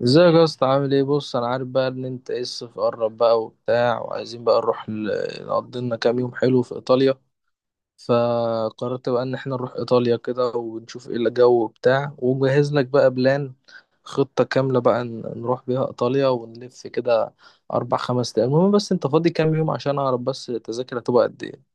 ازيك يا اسطى؟ عامل ايه؟ بص، انا عارف بقى ان انت ايه، الصيف قرب بقى وبتاع، وعايزين بقى نروح نقضي لنا كام يوم حلو في ايطاليا. فقررت بقى ان احنا نروح ايطاليا كده ونشوف ايه الجو وبتاع، ومجهز لك بقى بلان، خطة كاملة بقى نروح بيها ايطاليا ونلف كده اربع خمس ايام. المهم، بس انت فاضي كام يوم عشان اعرف بس التذاكر هتبقى قد ايه؟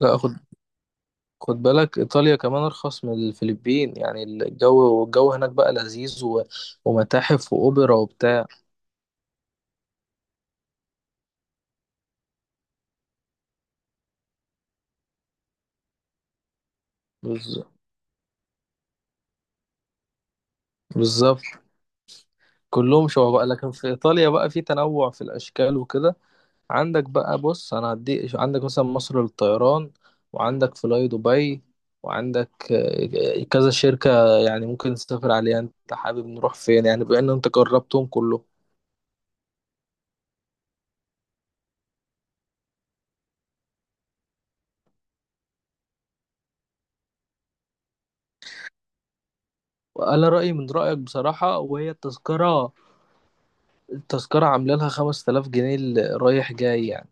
لا خد، خد بالك، ايطاليا كمان ارخص من الفلبين يعني، الجو والجو هناك بقى لذيذ، ومتاحف واوبرا وبتاع. بالظبط، كلهم شبه بقى، لكن في ايطاليا بقى في تنوع في الاشكال وكده. عندك بقى، بص انا هديك، عندك مثلا مصر للطيران، وعندك فلاي دبي، وعندك كذا شركة يعني ممكن تسافر عليها. انت حابب نروح فين يعني؟ بان انت جربتهم كلهم. انا رأيي من رأيك بصراحة، وهي التذكرة، التذكرة عاملة لها 5000 جنيه اللي رايح جاي يعني.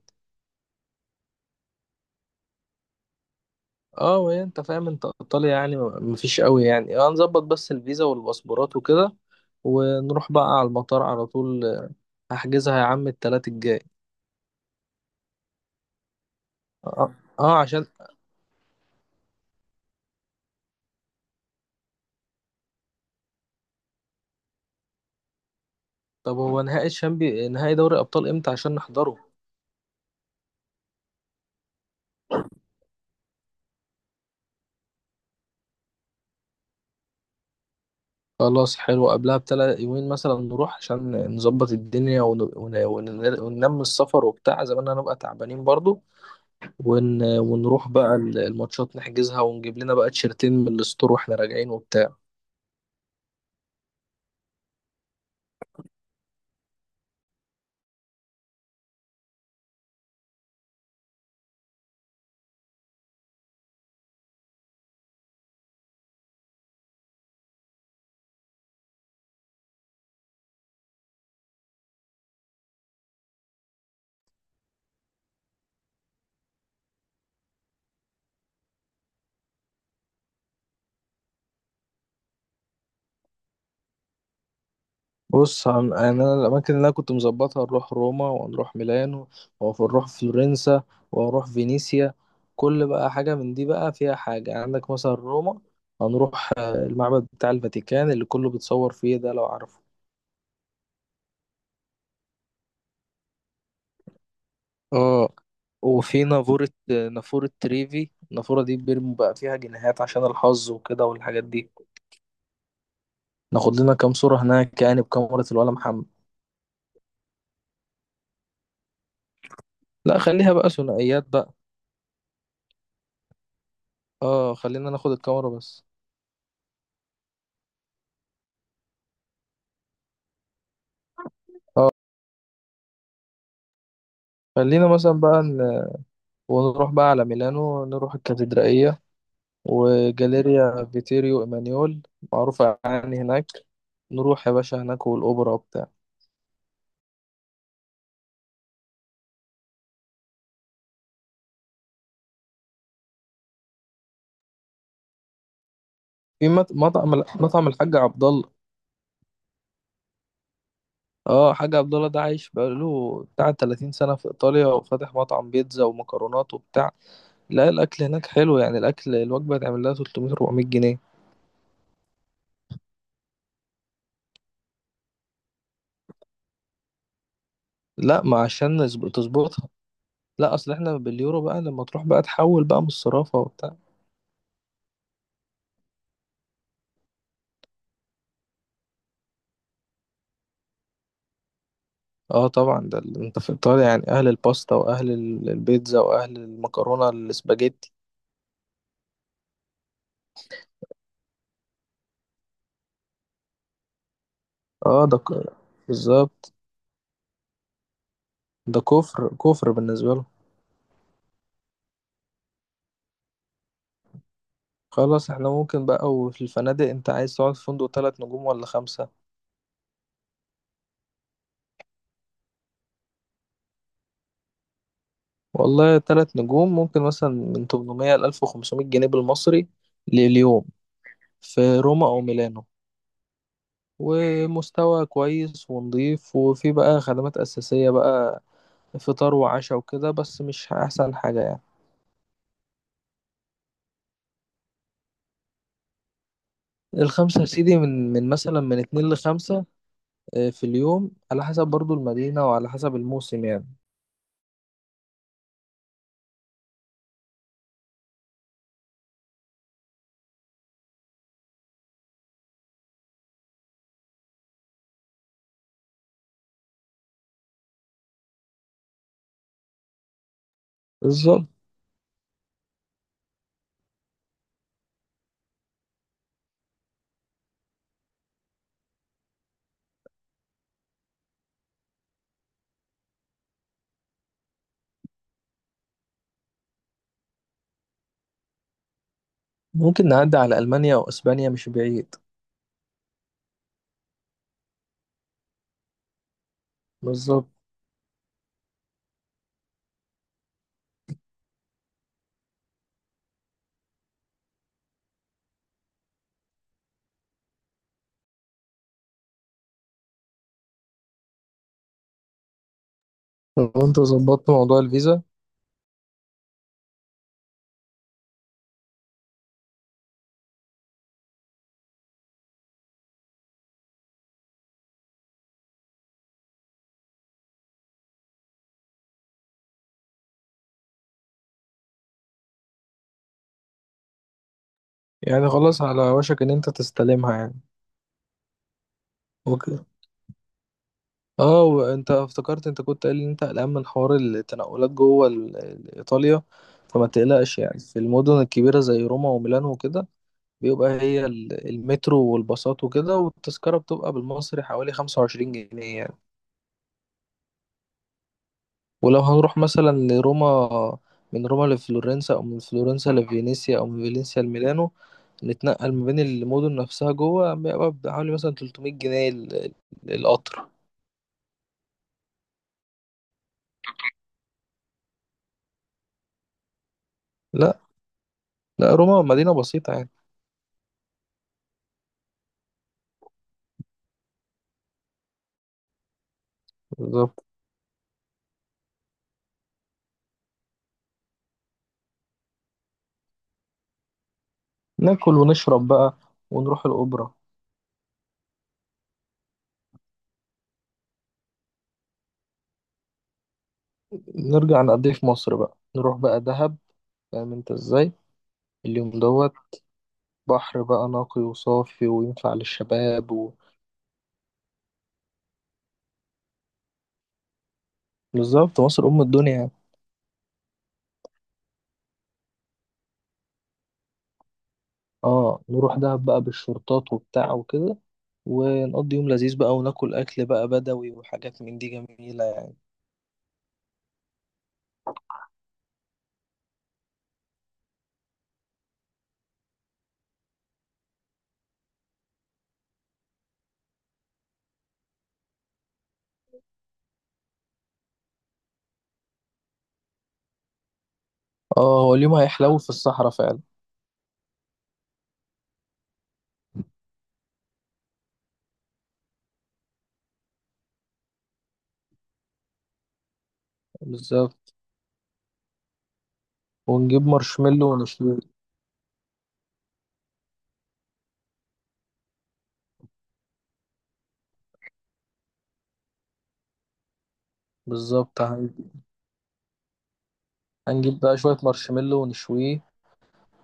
اه، ما هي انت فاهم، انت ايطاليا يعني مفيش قوي يعني، اه، نظبط بس الفيزا والباسبورات وكده، ونروح بقى على المطار على طول. هحجزها يا عم التلات الجاي. اه، اه عشان، طب هو نهائي الشامبي، نهائي دوري ابطال امتى عشان نحضره؟ خلاص حلو، قبلها بتلات يومين مثلا نروح عشان نظبط الدنيا وننام السفر وبتاع، زي ما انا هنبقى تعبانين برضو. ونروح بقى الماتشات نحجزها، ونجيب لنا بقى تيشرتين من الستور واحنا راجعين وبتاع. بص يعني انا الاماكن اللي انا كنت مظبطها، نروح روما، ونروح ميلانو، ونروح فلورنسا، ونروح فينيسيا. كل بقى حاجه من دي بقى فيها حاجه يعني. عندك مثلا روما، هنروح المعبد بتاع الفاتيكان اللي كله بيتصور فيه ده، لو عارفه. اه، وفي نافورة، نافورة تريفي، النافورة دي بيرموا بقى فيها جنيهات عشان الحظ وكده والحاجات دي. ناخد لنا كام صورة هناك يعني بكاميرا الولا محمد. لا خليها بقى ثنائيات بقى. اه خلينا ناخد الكاميرا بس. خلينا مثلا بقى، ونروح بقى على ميلانو، نروح الكاتدرائية وجاليريا فيتيريو إيمانيول، معروفة يعني هناك. نروح يا باشا هناك والأوبرا وبتاع. في مطعم، مطعم الحاج عبد الله. اه، حاج عبد الله ده عايش بقاله بتاع 30 سنة في إيطاليا، وفاتح مطعم بيتزا ومكرونات وبتاع. لا الأكل هناك حلو يعني، الأكل الوجبة تعمل لها 300 400 جنيه. لا، ما عشان تظبطها. لا أصل إحنا باليورو بقى، لما تروح بقى تحول بقى من الصرافة وبتاع. اه طبعا، ده انت في ايطاليا يعني اهل الباستا، واهل البيتزا، واهل المكرونه الاسباجيتي. اه، بالظبط، ده كفر كفر بالنسبه له. خلاص احنا ممكن بقى. وفي الفنادق، انت عايز تقعد في فندق تلات نجوم ولا خمسة؟ والله، تلات نجوم ممكن مثلا من 800 ل 1500 جنيه بالمصري لليوم، في روما او ميلانو، ومستوى كويس ونضيف، وفي بقى خدمات اساسيه بقى، فطار وعشاء وكده، بس مش احسن حاجه يعني. الخمسة يا سيدي، من مثلا من اتنين لخمسة في اليوم، على حسب برضو المدينة وعلى حسب الموسم يعني. بالظبط، ممكن نعدي على ألمانيا أو إسبانيا، مش بعيد. بالظبط، لو أنت ظبطت موضوع الفيزا يعني، خلاص على وشك إن أنت تستلمها يعني. اوكي. اه، وأنت افتكرت، أنت كنت قايل إن أنت قلقان من حوار التنقلات جوه إيطاليا. فما تقلقش يعني، في المدن الكبيرة زي روما وميلانو وكده، بيبقى هي المترو والباصات وكده، والتذكرة بتبقى بالمصري حوالي خمسة وعشرين جنيه يعني. ولو هنروح مثلا لروما، من روما لفلورنسا، أو من فلورنسا لفينيسيا، أو من فينيسيا لميلانو، نتنقل ما بين المدن نفسها جوه، بيبقى بحوالي مثلا 300 جنيه القطر. لا لا، روما مدينة بسيطة يعني. بالظبط، ناكل ونشرب بقى، ونروح الأوبرا. نرجع نقضيه في مصر بقى، نروح بقى دهب. فاهم انت ازاي؟ اليوم دوت بحر بقى نقي وصافي وينفع للشباب بالظبط، مصر أم الدنيا. اه نروح دهب بقى، بالشرطات وبتاع وكده، ونقضي يوم لذيذ بقى، وناكل أكل بقى بدوي، وحاجات من دي جميلة يعني. اه، هو اليوم هيحلو في الصحراء فعلا. بالظبط، ونجيب مارشميلو ونشويه. بالظبط، هنجيب بقى شوية مارشميلو ونشويه،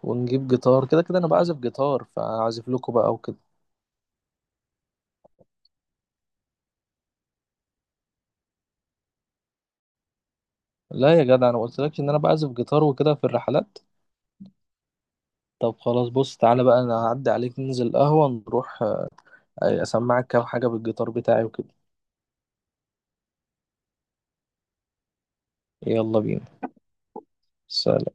ونجيب جيتار كده. كده أنا بعزف جيتار، فأعزف لكم بقى وكده. لا يا جدع، أنا ما قلتلكش إن أنا بعزف جيتار وكده في الرحلات. طب خلاص، بص تعالى بقى، انا هعدي عليك، ننزل القهوة، نروح اسمعك كام حاجة بالجيتار بتاعي وكده. يلا بينا. سلام.